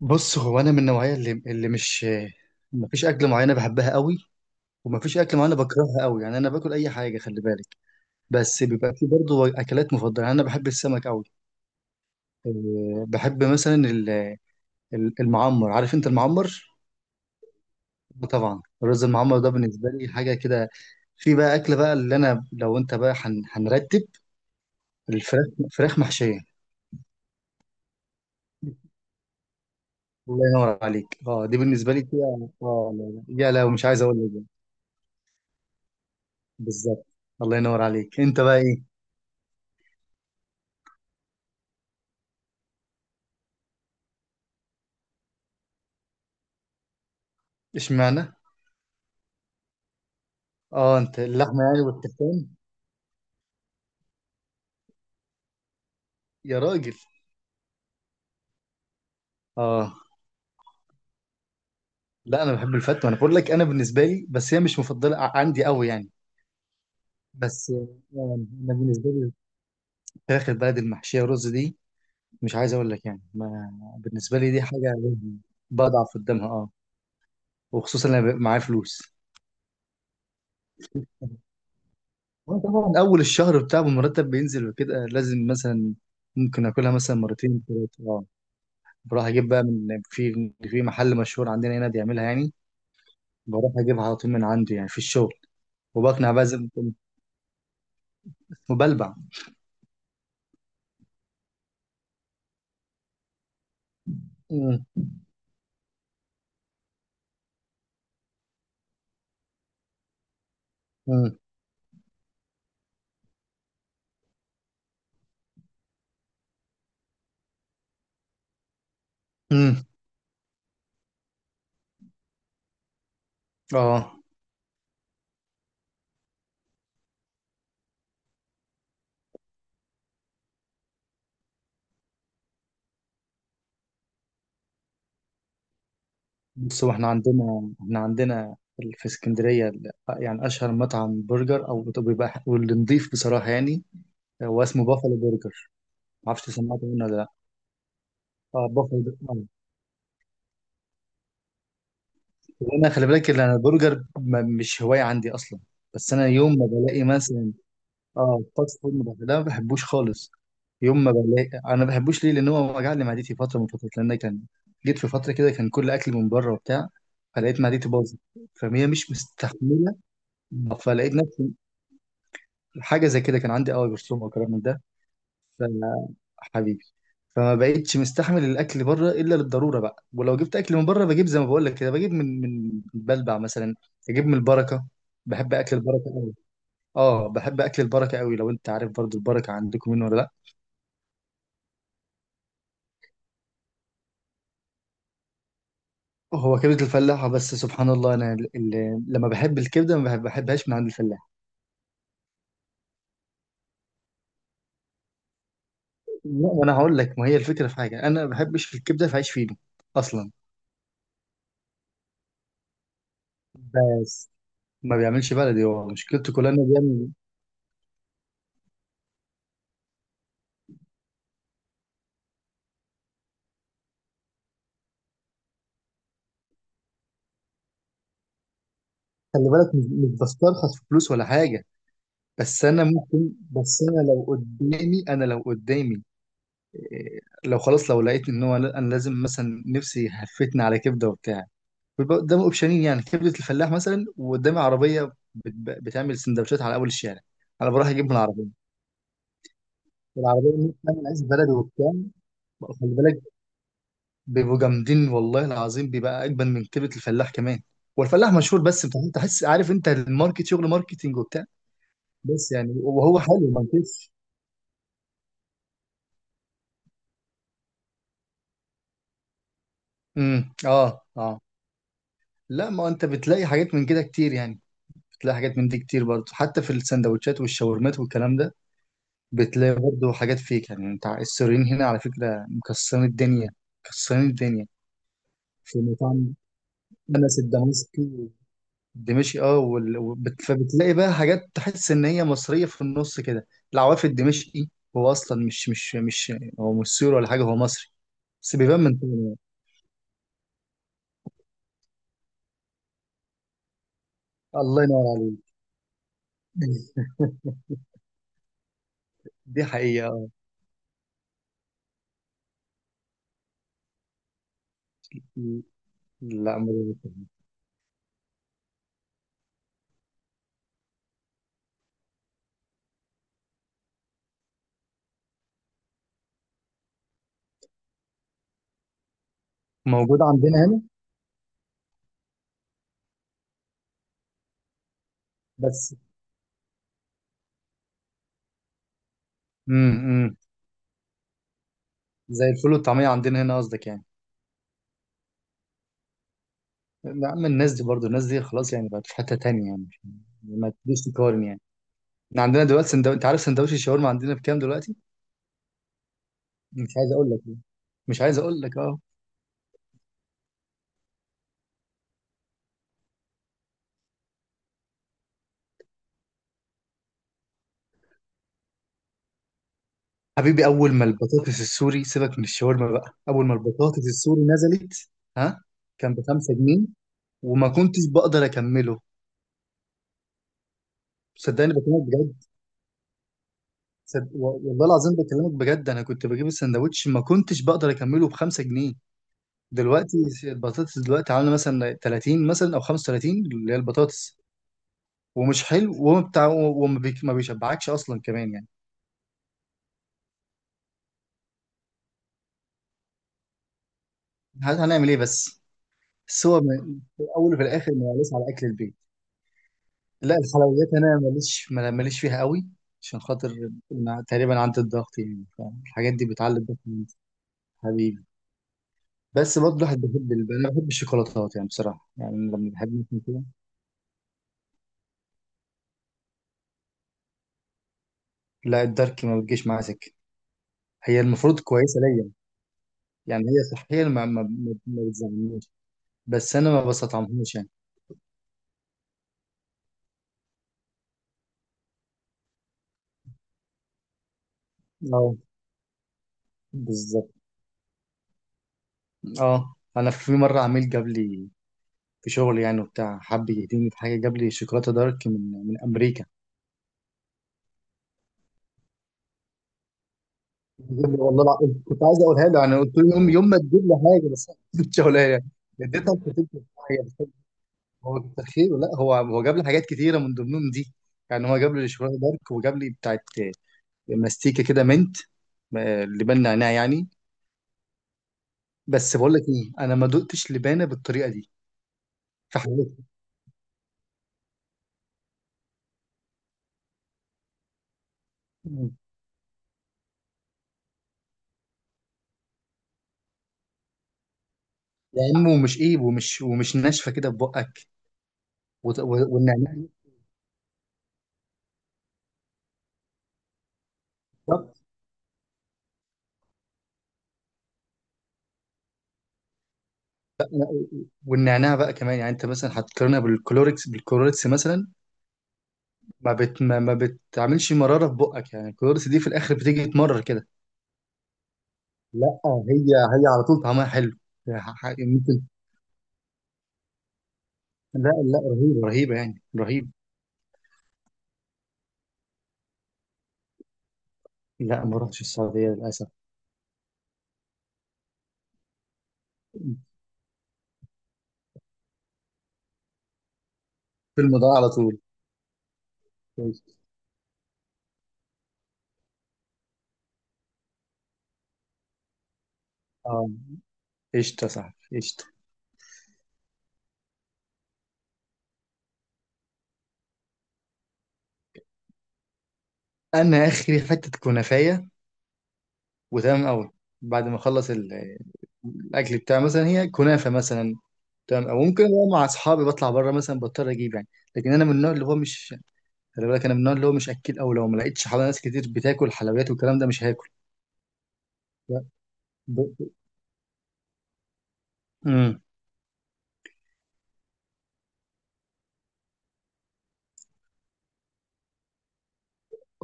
بص هو انا من النوعيه اللي مش مفيش اكل معينه بحبها قوي، ومفيش اكل معينه بكرهها قوي. يعني انا باكل اي حاجه، خلي بالك. بس بيبقى في برضه اكلات مفضله. يعني انا بحب السمك قوي. أه، بحب مثلا المعمر. عارف انت المعمر؟ طبعا الرز المعمر ده بالنسبه لي حاجه كده. في بقى اكله بقى اللي انا، لو انت بقى هنرتب، الفراخ، فراخ محشيه. الله ينور عليك، اه دي بالنسبه لي كده. اه لا لا، يا لو مش عايز اقول لك. بالظبط. الله ينور عليك، انت بقى ايه؟ اشمعنى؟ اه انت اللحمه يعني والتفتان. يا راجل. اه، لا انا بحب الفتة، انا بقول لك، انا بالنسبه لي بس هي مش مفضله عندي قوي يعني. بس يعني، انا بالنسبه لي فراخ البلد المحشيه رز دي، مش عايز اقول لك يعني. ما بالنسبه لي دي حاجه بضعف قدامها اه. وخصوصا لما بيبقى معايا فلوس. وانا طبعا اول الشهر بتاع المرتب بينزل وكده، لازم مثلا ممكن اكلها مثلا مرتين ثلاثه اه. بروح اجيب بقى من في محل مشهور عندنا هنا بيعملها يعني. بروح اجيبها على طول من عنده، يعني في الشغل. وبقنع بقى زي ما كنت وبلبع. مم. مم. مم. اه. بص هو احنا عندنا في اسكندرية يعني أشهر مطعم برجر أو بيبقى واللي نضيف بصراحة، يعني هو اسمه بافلو برجر. معرفش سمعت عنه ولا لأ. اه بافلو آه. وأنا خلي بالك إن أنا البرجر مش هواية عندي أصلا. بس أنا يوم ما بلاقي مثلا. اه الفاست فود ما بح- لا ما بحبوش خالص. يوم ما بلاقي، انا ما بحبوش ليه؟ لان هو وجع لي معدتي فتره من فترات. لان كان جيت في فتره كده كان كل اكل من بره وبتاع، فلقيت معدتي باظت، فهي مش مستحمله. مم. فلقيت نفسي حاجه زي كده، كان عندي قوي برسوم او كلام من ده. ف- حبيبي. فما بقتش مستحمل الاكل بره الا للضروره بقى. ولو جبت اكل من بره بجيب زي ما بقول لك كده، بجيب من بلبع مثلا، اجيب من البركه. بحب اكل البركه قوي. اه بحب اكل البركه قوي. لو انت عارف برضو البركه عندكم منه ولا لا. هو كبدة الفلاح، بس سبحان الله أنا لما بحب الكبدة ما بحب- بحبهاش من عند الفلاح. لا وأنا هقول لك، ما هي الفكرة في حاجة، أنا ما بحبش الكبدة في عيش فينو أصلا. بس ما بيعملش بلدي، هو مشكلته كلها إنه بيعمل. خلي بالك، مش بسترخص في فلوس ولا حاجة. بس أنا ممكن، بس أنا لو قدامي إيه، لو خلاص لو لقيت إن هو أنا لازم مثلا نفسي هفتني على كبدة وبتاع، بيبقى قدامي اوبشنين. يعني كبده الفلاح مثلا، وقدامي عربيه بتعمل سندوتشات على اول الشارع، انا بروح اجيب من العربيه. العربيه دي بتعمل عيش بلدي وبتاع. خلي بالك، بيبقوا جامدين والله العظيم، بيبقى اجمل من كبده الفلاح كمان. والفلاح مشهور بس بتحس عارف انت الماركت، شغل ماركتينج وبتاع. بس يعني، وهو حلو ما انكرش. اه اه. لا ما انت بتلاقي حاجات من كده كتير يعني. بتلاقي حاجات من دي كتير برضه، حتى في السندوتشات والشاورمات والكلام ده. بتلاقي برضه حاجات فيك. يعني انت السوريين هنا على فكرة مكسرين الدنيا، مكسرين الدنيا. في مطعم أنس الدمشقي، الدمشقي اه. وال... فبتلاقي بقى حاجات تحس إن هي مصرية في النص كده. العواف الدمشقي هو أصلا مش هو مش سوري ولا حاجة، هو مصري. بس بيبان من تاني. الله ينور عليك. دي حقيقة. لا موجود عندنا هنا بس. أمم. زي الفول والطعمية عندنا هنا قصدك يعني. يا عم الناس دي برضو، الناس دي خلاص يعني بقت في حتة تانية يعني يعني ما تقدرش تقارن يعني. احنا عندنا دلوقتي سندو... انت عارف سندوتش الشاورما عندنا بكام دلوقتي؟ مش عايز اقول لك يعني. مش عايز اقول لك اه. حبيبي، اول ما البطاطس السوري، سيبك من الشاورما بقى، اول ما البطاطس السوري نزلت. ها كان ب 5 جنيه وما كنتش بقدر اكمله. صدقني بكلمك بجد. صد... والله العظيم بكلمك بجد، انا كنت بجيب السندوتش ما كنتش بقدر اكمله ب 5 جنيه. دلوقتي البطاطس دلوقتي عامله مثلا 30 مثلا او 35 اللي هي البطاطس. ومش حلو وما بتاع وما ما بيشبعكش اصلا كمان يعني. هنعمل ايه بس؟ بس هو في الاول وفي الاخر ماليش على اكل البيت. لا الحلويات انا ماليش ماليش فيها قوي، عشان خاطر أنا تقريبا عندي الضغط يعني، فالحاجات دي بتعلي الضغط من. حبيبي. بس برضه الواحد بيحب انا بحب الشوكولاتات يعني بصراحه، يعني لما بحب مثلا كده. لا الدارك ما بتجيش معايا سكه، هي المفروض كويسه ليا. يعني هي صحيا ما بتزعلنيش، بس انا ما بستطعمهاش يعني. اه بالظبط. اه انا في مره عميل جاب لي في شغل، يعني وبتاع حب يهديني في حاجه، جاب لي شوكولاته دارك من امريكا. جاب لي، والله العظيم كنت عايز اقولها له، يعني قلت له يوم، ما تجيب لي حاجه بس ما كنتش هقولها يعني. اديتها لخطيبتي وبتاع، هي هو تخيل. لا هو جاب لي حاجات كتيره من ضمنهم دي. يعني هو جاب لي شوكولاته دارك وجاب لي بتاعت ماستيكه كده، منت آه، لبان نعناع يعني. بس بقول لك ايه، انا ما دقتش لبانه بالطريقه دي في حياتي. يا عم ومش ايه، ومش ناشفه كده في بقك؟ والنعناع. بالظبط. والنعناع بقى كمان، يعني انت مثلا هتقارنها بالكلوركس، بالكلوركس مثلا ما بت ما, ما بتعملش مراره في بقك. يعني الكلوركس دي في الاخر بتيجي تمرر كده. لا هي، هي على طول طعمها حلو. يعني ممكن. لا رهيبه رهيبه يعني رهيب. لا ما رحتش السعوديه للاسف. الفيلم ده على طول. كويس. اه قشطه، صح قشطه. انا اخري حته كنافيه، وتمام قوي. بعد ما اخلص الاكل بتاعي مثلا، هي كنافه مثلا، تمام. او ممكن هو مع اصحابي بطلع بره مثلا، بضطر اجيب يعني. لكن انا من النوع اللي هو مش، خلي بالك انا من النوع اللي هو مش اكل. او لو ما لقيتش حوالي ناس كتير بتاكل حلويات والكلام ده، مش هاكل. لا، ب... ب- امم.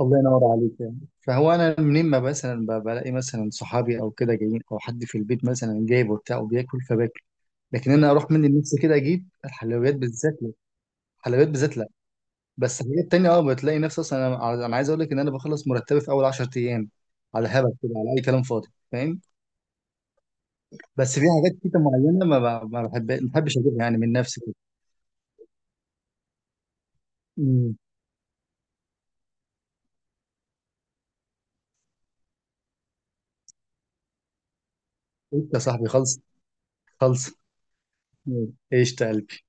الله ينور عليك يعني. فهو انا منين ما مثلا بلاقي مثلا صحابي او كده جايين، او حد في البيت مثلا جايب وبتاع وبياكل، فباكل. لكن انا اروح مني لنفسي كده اجيب الحلويات بالذات، لا. الحلويات بالذات لا. بس الحاجات التانية اه بتلاقي نفسي، اصلا انا، انا عايز اقول لك ان انا بخلص مرتبي في اول 10 ايام، على هبل كده، على اي كلام فاضي فاهم. بس في حاجات كده معينه ما بحبش اجيبها يعني من نفسي كده. امم. قشطة يا صاحبي، خلص خلص. مم. قشطة يا قلبي.